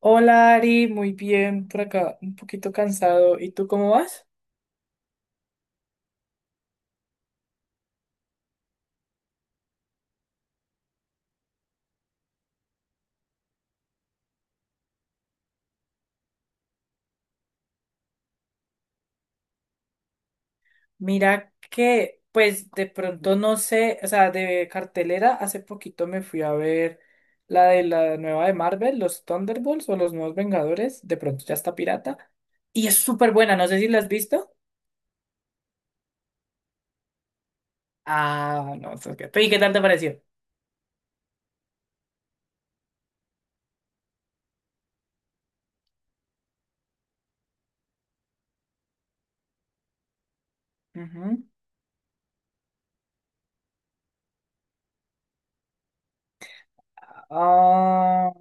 Hola Ari, muy bien, por acá un poquito cansado. ¿Y tú cómo vas? Mira que, pues de pronto no sé, o sea, de cartelera, hace poquito me fui a ver la de la nueva de Marvel, los Thunderbolts o los Nuevos Vengadores, de pronto ya está pirata. Y es súper buena, no sé si la has visto. Ah, no, ¿Y qué tal te pareció? Ujú. Ah,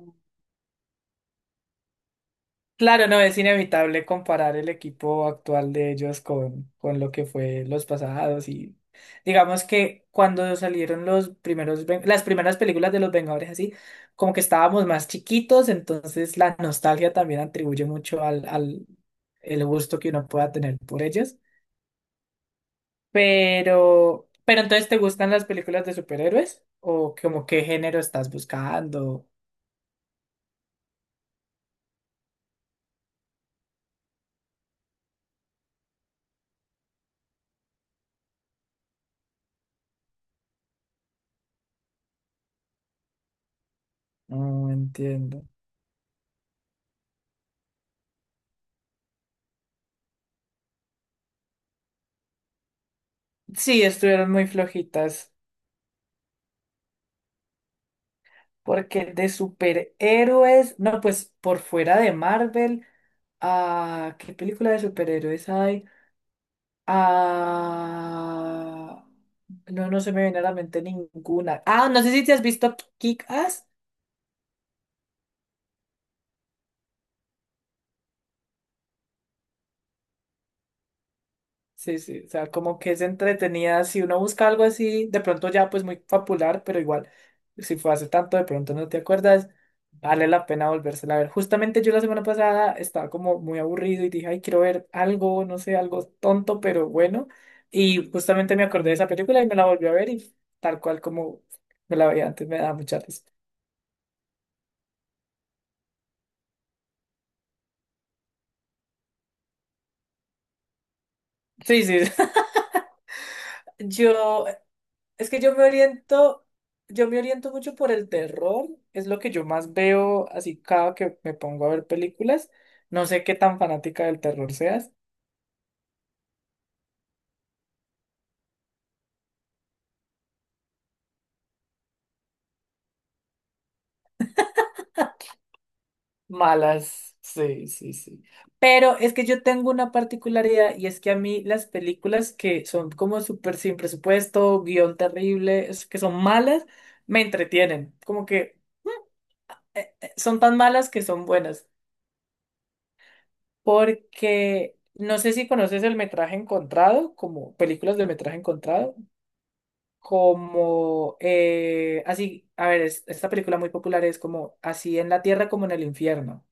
claro, no, es inevitable comparar el equipo actual de ellos con lo que fue los pasados y digamos que cuando salieron los primeros, las primeras películas de los Vengadores así, como que estábamos más chiquitos, entonces la nostalgia también atribuye mucho al, al el gusto que uno pueda tener por ellos. Pero entonces, ¿te gustan las películas de superhéroes? ¿O como qué género estás buscando? No entiendo. Sí, estuvieron muy flojitas. Porque de superhéroes, no, pues por fuera de Marvel, ¿qué película de superhéroes hay? Ah, no, no se me viene a la mente ninguna. Ah, no sé si te has visto Kick-Ass. Sí, sí, o sea, como que es entretenida. Si uno busca algo así, de pronto ya pues muy popular, pero igual, si fue hace tanto, de pronto no te acuerdas, vale la pena volvérsela a ver. Justamente yo la semana pasada estaba como muy aburrido y dije, ay, quiero ver algo, no sé, algo tonto, pero bueno. Y justamente me acordé de esa película y me la volví a ver y tal cual como me la veía antes, me da mucha risa. Sí, sí. yo Es que yo me oriento mucho por el terror, es lo que yo más veo así cada que me pongo a ver películas. No sé qué tan fanática del terror seas. Malas, sí, sí, sí. Pero es que yo tengo una particularidad y es que a mí las películas que son como súper sin presupuesto, guión terrible, es que son malas, me entretienen. Como que son tan malas que son buenas. Porque no sé si conoces el metraje encontrado, como películas de metraje encontrado. Como así, a ver, esta película muy popular es como Así en la Tierra como en el Infierno,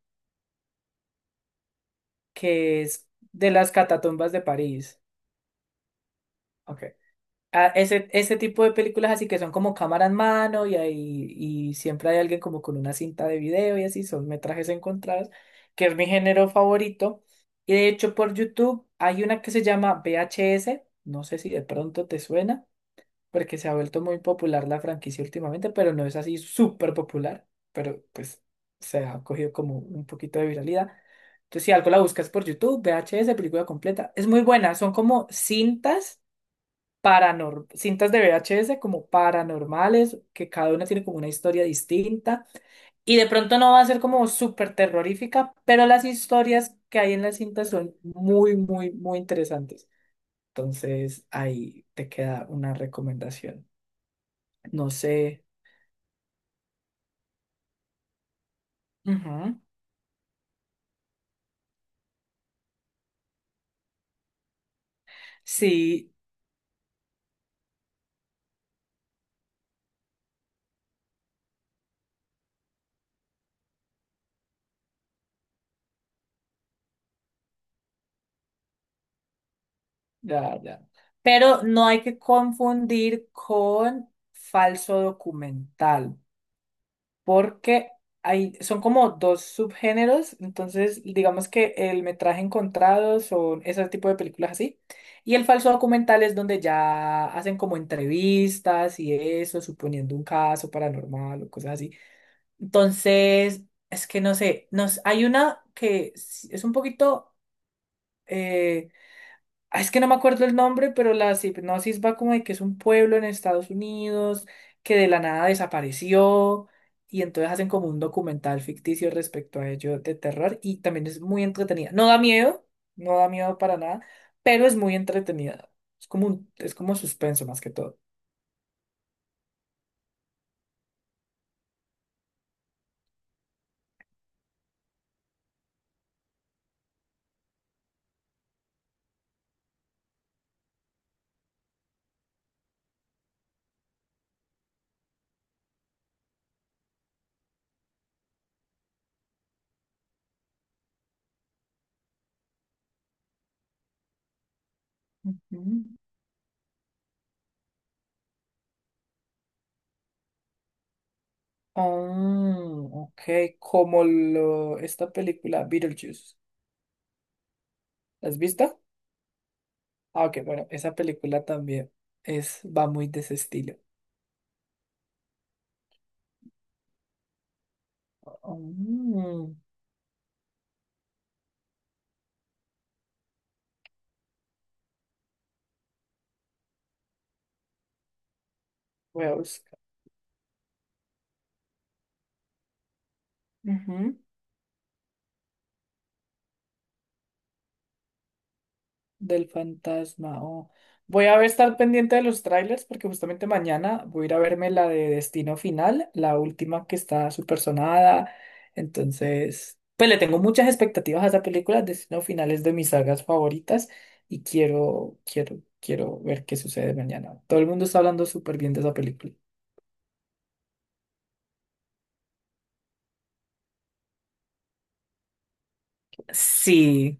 que es de las catatumbas de París. Ok. Ah, ese tipo de películas así que son como cámara en mano y, ahí, y siempre hay alguien como con una cinta de video y así, son metrajes encontrados, que es mi género favorito. Y de hecho por YouTube hay una que se llama VHS, no sé si de pronto te suena porque se ha vuelto muy popular la franquicia últimamente, pero no es así súper popular, pero pues se ha cogido como un poquito de viralidad. Entonces, si algo la buscas por YouTube, VHS, película completa, es muy buena, son como cintas paranor cintas de VHS como paranormales, que cada una tiene como una historia distinta y de pronto no va a ser como súper terrorífica, pero las historias que hay en las cintas son muy, muy, muy interesantes. Entonces, ahí te queda una recomendación, no sé. Ujú. Sí, ya, ya. Pero no hay que confundir con falso documental, porque son como dos subgéneros, entonces digamos que el metraje encontrado son ese tipo de películas así, y el falso documental es donde ya hacen como entrevistas y eso, suponiendo un caso paranormal o cosas así. Entonces, es que no sé, hay una que es un poquito. eh, Ah, es que no me acuerdo el nombre, pero la hipnosis va como de que es un pueblo en Estados Unidos que de la nada desapareció y entonces hacen como un documental ficticio respecto a ello de terror y también es muy entretenida. No da miedo, no da miedo para nada, pero es muy entretenida. Es como suspenso más que todo. Ujú. Ah, ok, esta película Beetlejuice. ¿La has visto? Ah, ok, bueno, esa película también va muy de ese estilo. Mm, voy a buscar. Ujú, del fantasma. Oh. Voy a ver, estar pendiente de los trailers porque justamente mañana voy a ir a verme la de Destino Final, la última que está súper sonada. Entonces, pues le tengo muchas expectativas a esa película. Destino Final es de mis sagas favoritas y quiero, quiero, quiero ver qué sucede mañana. Todo el mundo está hablando súper bien de esa película. Sí.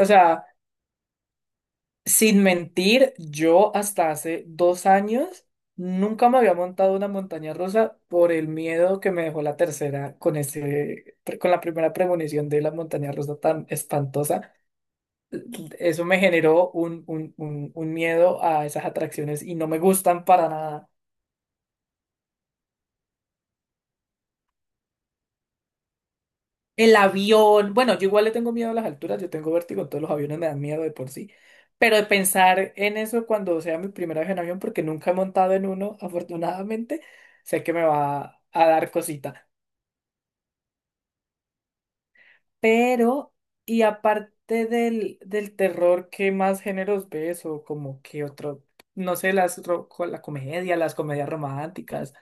O sea, sin mentir, yo hasta hace 2 años nunca me había montado una montaña rusa por el miedo que me dejó la tercera con con la primera premonición de la montaña rusa tan espantosa. Eso me generó un miedo a esas atracciones y no me gustan para nada. El avión, bueno, yo igual le tengo miedo a las alturas, yo tengo vértigo, entonces los aviones me dan miedo de por sí. Pero de pensar en eso cuando sea mi primera vez en avión, porque nunca he montado en uno, afortunadamente, sé que me va a dar cosita. Pero, y aparte del terror, ¿qué más géneros ves? O como que otro, no sé, las la comedia, las comedias románticas.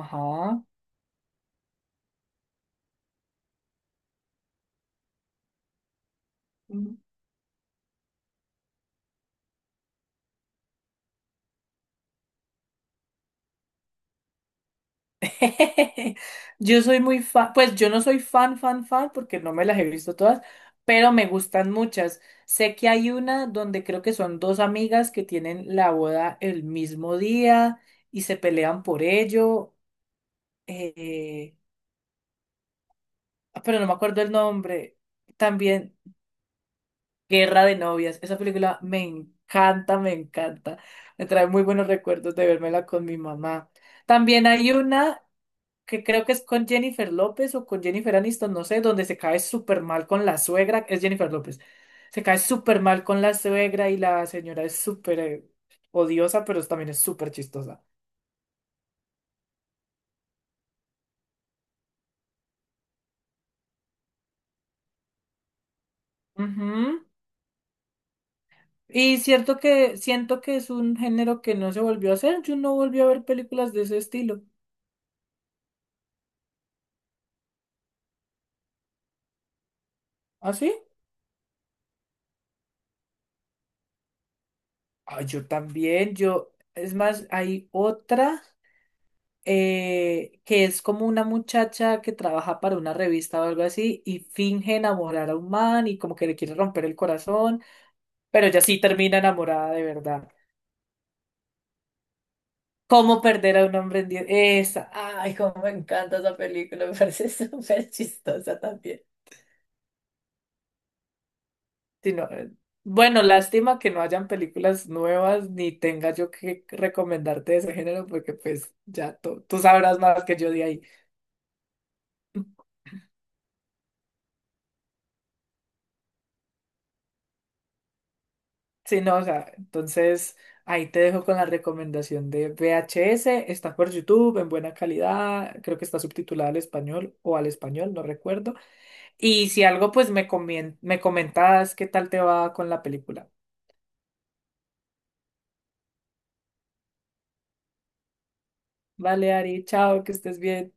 Ajá. Yo soy muy fan, pues yo no soy fan, fan, fan, porque no me las he visto todas, pero me gustan muchas. Sé que hay una donde creo que son dos amigas que tienen la boda el mismo día y se pelean por ello, eh, pero no me acuerdo el nombre. También Guerra de Novias. Esa película me encanta, me encanta. Me trae muy buenos recuerdos de vérmela con mi mamá. También hay una que creo que es con Jennifer López o con Jennifer Aniston, no sé, donde se cae súper mal con la suegra, es Jennifer López, se cae súper mal con la suegra y la señora es súper odiosa, pero también es súper chistosa. Ujú. Y cierto que siento que es un género que no se volvió a hacer, yo no volví a ver películas de ese estilo. ¿Ah, sí? Ah, yo también, yo, es más, hay otra, que es como una muchacha que trabaja para una revista o algo así y finge enamorar a un man y como que le quiere romper el corazón, pero ella sí termina enamorada de verdad. ¿Cómo perder a un hombre en 10? Esa. Ay, cómo me encanta esa película, me parece súper chistosa también. Sí, no, bueno, lástima que no hayan películas nuevas ni tenga yo que recomendarte de ese género porque pues ya tú sabrás más que yo de ahí. Sí, no, o sea, entonces ahí te dejo con la recomendación de VHS, está por YouTube en buena calidad, creo que está subtitulada al español o al español, no recuerdo. Y si algo, pues me comentas qué tal te va con la película. Vale, Ari, chao, que estés bien.